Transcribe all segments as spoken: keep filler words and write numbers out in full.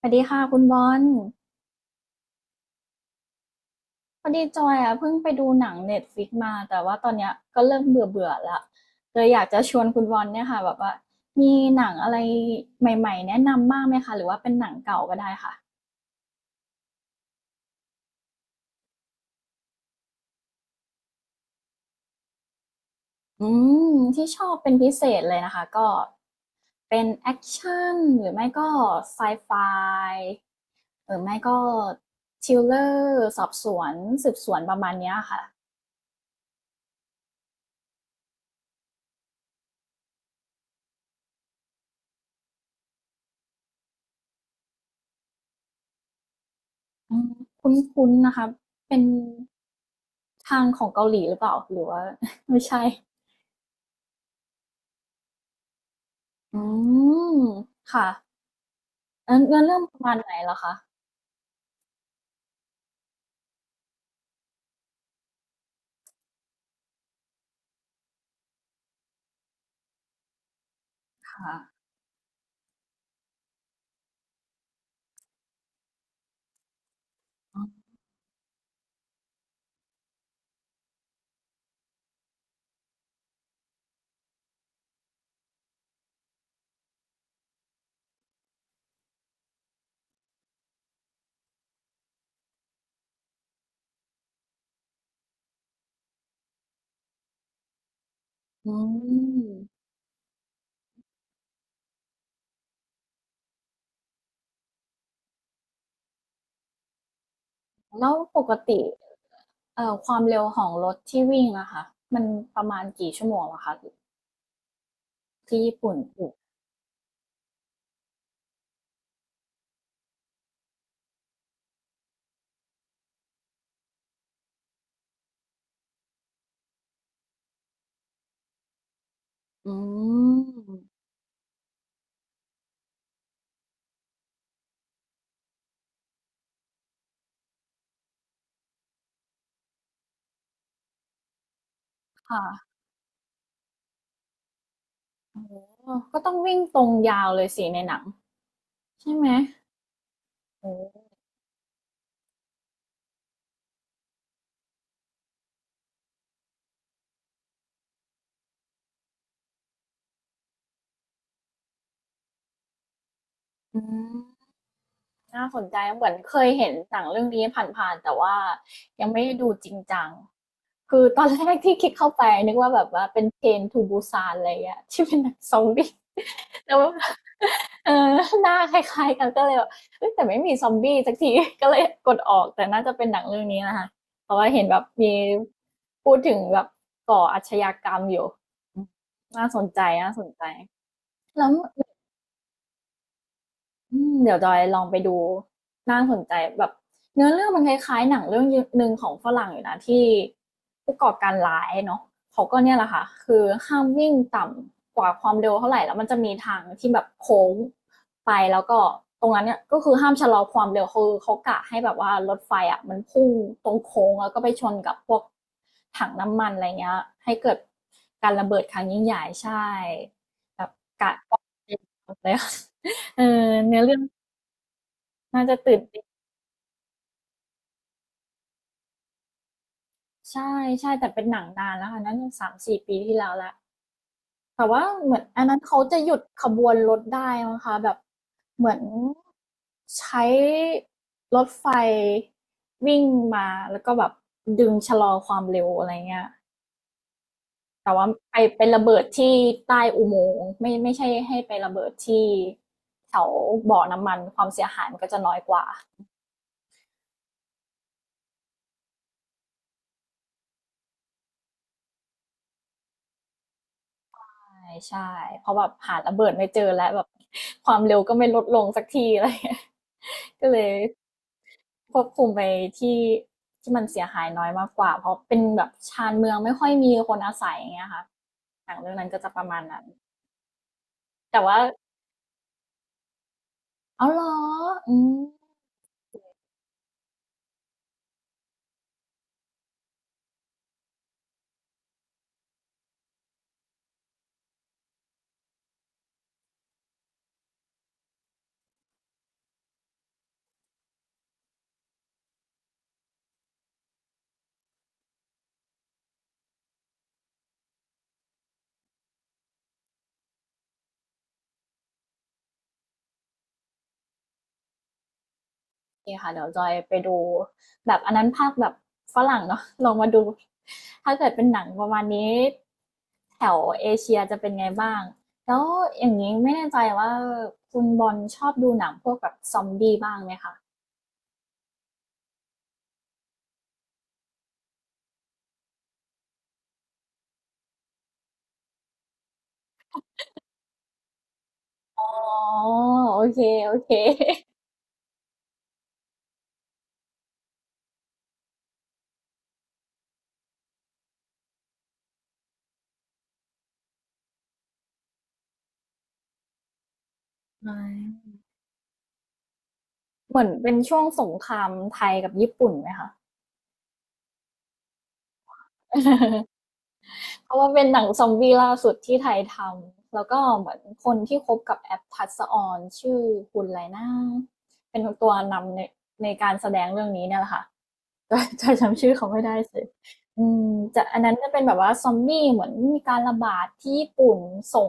สวัสดีค่ะคุณบอลพอดีจอยอ่ะเพิ่งไปดูหนังเน็ตฟลิกมาแต่ว่าตอนเนี้ยก็เริ่มเบื่อเบื่อละเลยอยากจะชวนคุณบอลเนี่ยค่ะแบบว่ามีหนังอะไรใหม่ๆแนะนำบ้างไหมคะหรือว่าเป็นหนังเก่าก็ได้ค่ะอืมที่ชอบเป็นพิเศษเลยนะคะก็เป็นแอคชั่นหรือไม่ก็ไซไฟหรือไม่ก็ทริลเลอร์สอบสวนสืบสวนประมาณเนี้ยค่ะ อืมคุ้นๆนะคะเป็นทางของเกาหลีหรือเปล่าหรือว่า ไม่ใช่ อืม ค่ะเอ่อเนื้อเรื่องประมาณไหนเหรอคะ ค่ะ อืม แล้วปกติเอ่อความเร็วของรถที่วิ่งอะค่ะมันประมาณกี่ชั่วโมงเหรอะคะที่ญี่ปุ่น อืออืมค่ะออก็ต้องวิ่งตรงยาวเลยสิในหนังใช่ไหมโอ้อืม น่าสนใจเหมือนเคยเห็นหนังเรื่องนี้ผ่านๆแต่ว่ายังไม่ได้ดูจริงจังคือตอนแรกที่คลิกเข้าไปนึกว่าแบบว่าเป็นเทรนทูบูซานอะไรอะที่เป็นหนังซอมบี้ แต่ว่าเออหน้าคล้ายๆกันก็เลยแบบเอยแต่ไม่มีซอมบี้สักที ก็เลยกดออกแต่น่าจะเป็นหนังเรื่องนี้นะคะเพราะว่าเห็นแบบมีพูดถึงแบบก่ออาชญากรรมอยู่น่าสนใจน่าสนใจแล้ว อืมเดี๋ยวจอยลองไปดูน่าสนใจแบบเนื้อเรื่องมันคล้ายๆหนังเรื่องหนึ่งของฝรั่งอยู่นะที่ผู้ก่อการร้ายเนาะเขาก็เนี่ยแหละค่ะคือห้ามวิ่งต่ำกว่าความเร็วเท่าไหร่แล้วมันจะมีทางที่แบบโค้งไปแล้วก็ตรงนั้นเนี่ยก็คือห้ามชะลอความเร็วคือเขากะให้แบบว่ารถไฟอ่ะมันพุ่งตรงโค้งแล้วก็ไปชนกับพวกถังน้ำมันอะไรเงี้ยให้เกิดการระเบิดครั้งยิ่งใหญ่ใช่แบบกะ ป้องกันเลยค่ะ เออเนื้อเรื่องน่าจะตื่นเต้นใช่ใช่แต่เป็นหนังนานแล้วค่ะน่าจะสามสี่ปีที่แล้วและแต่ว่าเหมือนอันนั้นเขาจะหยุดขบวนรถได้มั้งคะแบบเหมือนใช้รถไฟวิ่งมาแล้วก็แบบดึงชะลอความเร็วอะไรเงี้ยแต่ว่าไปไประเบิดที่ใต้อุโมงค์ไม่ไม่ใช่ให้ไประเบิดที่แถวบ่อน้ำมันความเสียหายมันก็จะน้อยกว่า่ใช่ เพราะแบบหาระเบิดไม่เจอแล้วแบบความเร็วก็ไม่ลดลงสักทีอะไรเงี้ย ก็เลยควบคุมไปที่ที่มันเสียหายน้อยมากกว่าเพราะเป็นแบบชานเมืองไม่ค่อยมีคนอาศัยอย่างเงี้ยค่ะหนังเรื่องนั้นก็จะประมาณนั้น แต่ว่าเอาวเหรออืม เคค่ะเดี๋ยวจอยไปดูแบบอันนั้นภาคแบบฝรั่งเนาะ ลองมาดูถ้าเกิดเป็นหนังประมาณนี้แถวเอเชียจะเป็นไงบ้างแล้วอย่างนี้ไม่แน่ใจว่าคุณบอลชอบดูหนังพวกแบบซอมบี้บ้างไหมคะอ๋อโอเคโอเคเหมือนเป็นช่วงสงครามไทยกับญี่ปุ่นไหมคะ เพราะว่าเป็นหนังซอมบี้ล่าสุดที่ไทยทำ แล้วก็เหมือนคนที่คบกับแอปทัศออนชื่อคุณไรนาเป็นตัวนำในในการแสดงเรื่องนี้เนี่ยแหละค่ะ จำจำจำชื่อเขาไม่ได้สิอืมจะอันนั้นจะเป็นแบบว่าซอมบี้เหมือนมีการระบาดที่ญี่ปุ่นส่ง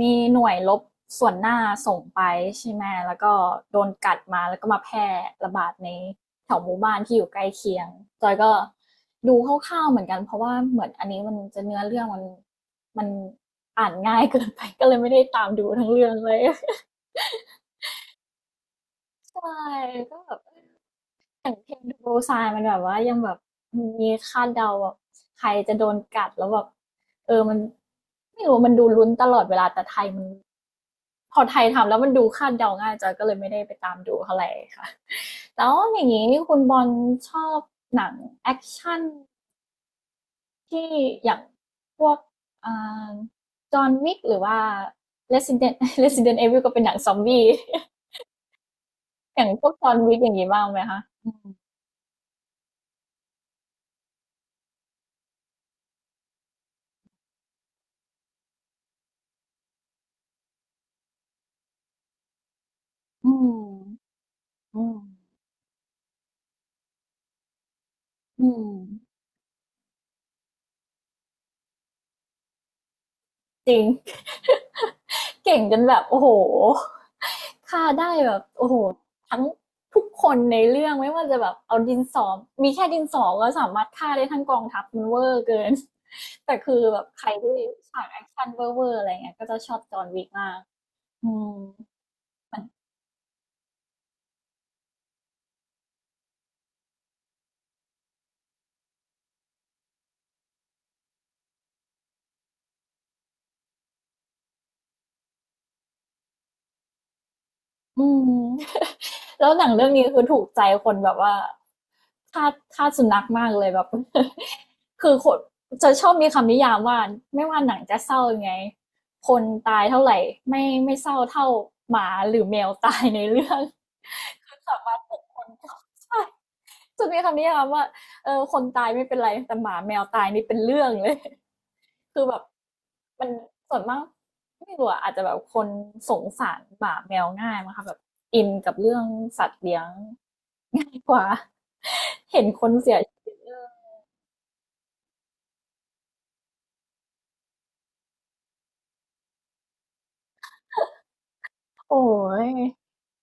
มีหน่วยรบส่วนหน้าส่งไปใช่ไหมแล้วก็โดนกัดมาแล้วก็มาแพร่ระบาดในแถวหมู่บ้านที่อยู่ใกล้เคียงจอยก็ดูคร่าวๆเหมือนกันเพราะว่าเหมือนอันนี้มันจะเนื้อเรื่องมันมันอ่านง่ายเกินไป ก็เลยไม่ได้ตามดูทั้งเรื่องเลย ใช่ก็แบบ อย่างเพลงดูโซายมันแบบว่ายังแบบมีคาดเดาแบบใครจะโดนกัดแล้วแบบเออมันไม่รู้มันดูลุ้นตลอดเวลาแต่ไทยมันพอไทยทำแล้วมันดูคาดเดาง่ายจอยก็เลยไม่ได้ไปตามดูเท่าไหร่ค่ะแล้วอย่างนี้คุณบอลชอบหนังแอคชั่นที่อย่างพวกอ่าจอห์นวิกหรือว่า Resident เรสซิเดนต์ อีวิล ก็เป็นหนังซอมบี้ อย่างพวกจอห์นวิกอย่างนี้บ้างไหมคะอืมอืมอืม จริง เก่งจนแบบโอ้โหฆ่าได้แบบโอ้โหทั้งทุกคนในเรื่องไม่ว่าจะแบบเอาดินสอมีแค่ดินสอก็สามารถฆ่าได้ทั้งกองทัพมันเวอร์เกิน แต่คือแบบใครที่ฉากแอคชั่นเวอร์ๆอะไรเงี้ยก็จะชอบจอห์นวิกมากอืมอืม แล้วหนังเรื่องนี้คือถูกใจคนแบบว่าทาสทาสสุนัขมากเลยแบบ คือคนจะชอบมีคำนิยามว่าไม่ว่าหนังจะเศร้ายังไงคนตายเท่าไหร่ไม่ไม่เศร้าเท่าหมาหรือแมวตายในเรื่อง คือสามารถปลุกคน ใช่จะมีคำนิยามว่าเออคนตายไม่เป็นไรแต่หมาแมวตายนี่เป็นเรื่องเลย คือแบบมันส่วนมากไม่รู้อะอาจจะแบบคนสงสารหมาแมวง่ายมั้งคะแบบอินกับเรื่องสัตว์เลี้ยงง่ายกว่า เห็นคนเสียชีวิตโอ้ย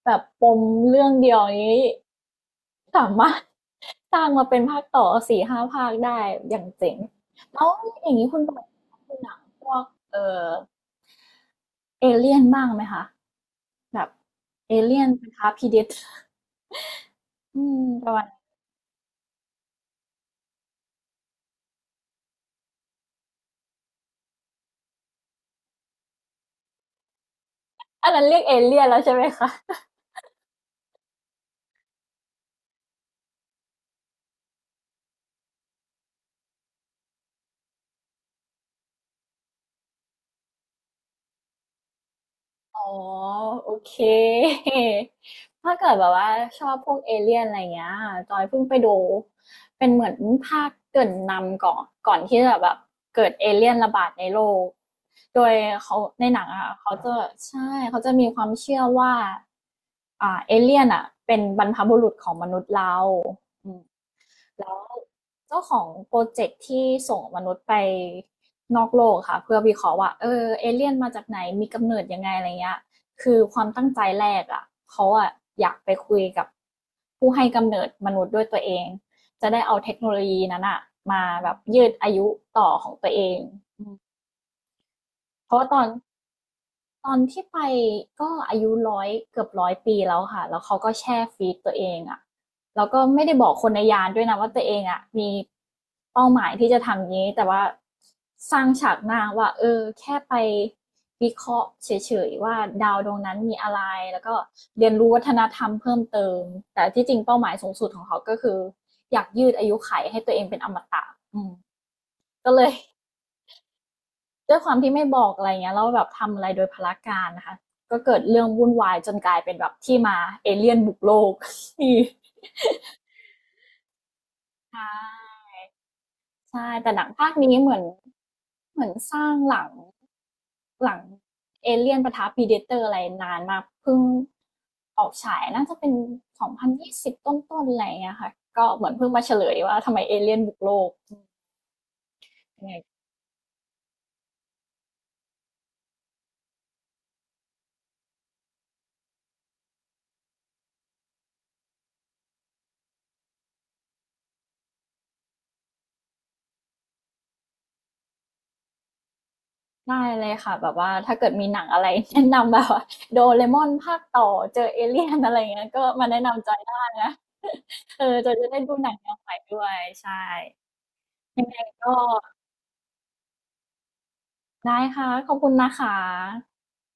แบบปมเรื่องเดียวนี้สามารถสร้างมาเป็นภาคต่อสี่ห้าภาคได้อย่างเจ๋งแล้วอย่างนี้คุณบอยดูหนังพวกเออเอเลี่ยนบ้างไหมคะแบบเอเลี่ยนนะคะพีเดตอืมประมาณอันนั้นเรียกเอเลี่ยนแล้วใช่ไหมคะ อ๋อโอเค ถ้าเกิดแบบว่าชอบพวกเอเลี่ยนอะไรเงี้ยจอยเพิ่งไปดูเป็นเหมือนภาคเกริ่นนำก่อนก่อนที่จะแบบเกิดเอเลี่ยนระบาดในโลกโดยเขาในหนังอะค่ะเขาจะใช่เขาจะมีความเชื่อว่าอ่าเอเลี่ยนอ่ะเป็นบรรพบุรุษของมนุษย์เราอืม แล้วเจ้าของโปรเจกต์ที่ส่งมนุษย์ไปนอกโลกค่ะเพื่อวิเคราะห์ว่าเออเอเลี่ยนมาจากไหนมีกำเนิดยังไงอะไรเงี้ยคือความตั้งใจแรกอ่ะเขาอ่ะอยากไปคุยกับผู้ให้กำเนิดมนุษย์ด้วยตัวเองจะได้เอาเทคโนโลยีนั้นอ่ะมาแบบยืดอายุต่อของตัวเองเพราะว่าตอน ตอนที่ไปก็อายุหนึ่งร้อยเกือบหนึ่งร้อยปีแล้วค่ะแล้วเขาก็แช่ฟีดตัวเองอะแล้วก็ไม่ได้บอกคนในยานด้วยนะว่าตัวเองอะมีเป้าหมายที่จะทำนี้แต่ว่าสร้างฉากหน้าว่าเออแค่ไปวิเคราะห์เฉยๆว่าดาวดวงนั้นมีอะไรแล้วก็เรียนรู้วัฒนธรรมเพิ่มเติมแต่ที่จริงเป้าหมายสูงสุดของเขาก็คืออยากยืดอายุไขให้ตัวเองเป็นอมตะอืมก็เลย ด้วยความที่ไม่บอกอะไรเงี้ยแล้วแบบทำอะไรโดยพลการนะคะก็เกิดเรื่องวุ่นวายจนกลายเป็นแบบที่มาเอเลี่ยนบุกโลก นี่ใช่แต่หนังภาคนี้เหมือนเหมือนสร้างหลังหลังเอเลี่ยนปะทะพีเดเตอร์อะไรนานมากเพิ่งออกฉายน่าจะเป็นสองพันยี่สิบต้นๆอะไรเงี้ยค่ะก็เหมือนเพิ่งมาเฉลยว่าทำไมเอเลี่ยนบุกโลกยังไง ได้เลยค่ะแบบว่าถ้าเกิดมีหนังอะไร แนะนำแบบว่า ดี โอ อาร์ เอ อี ภาคต่อเจอเอเลี่ยนอะไรอย่างเงี้ยก็มาแนะนำจอยได้นะ เออจอยจะได้ดูหนังแนวใหม่ด้วยใช่ก็ได้ค่ะขอบคุณนะคะ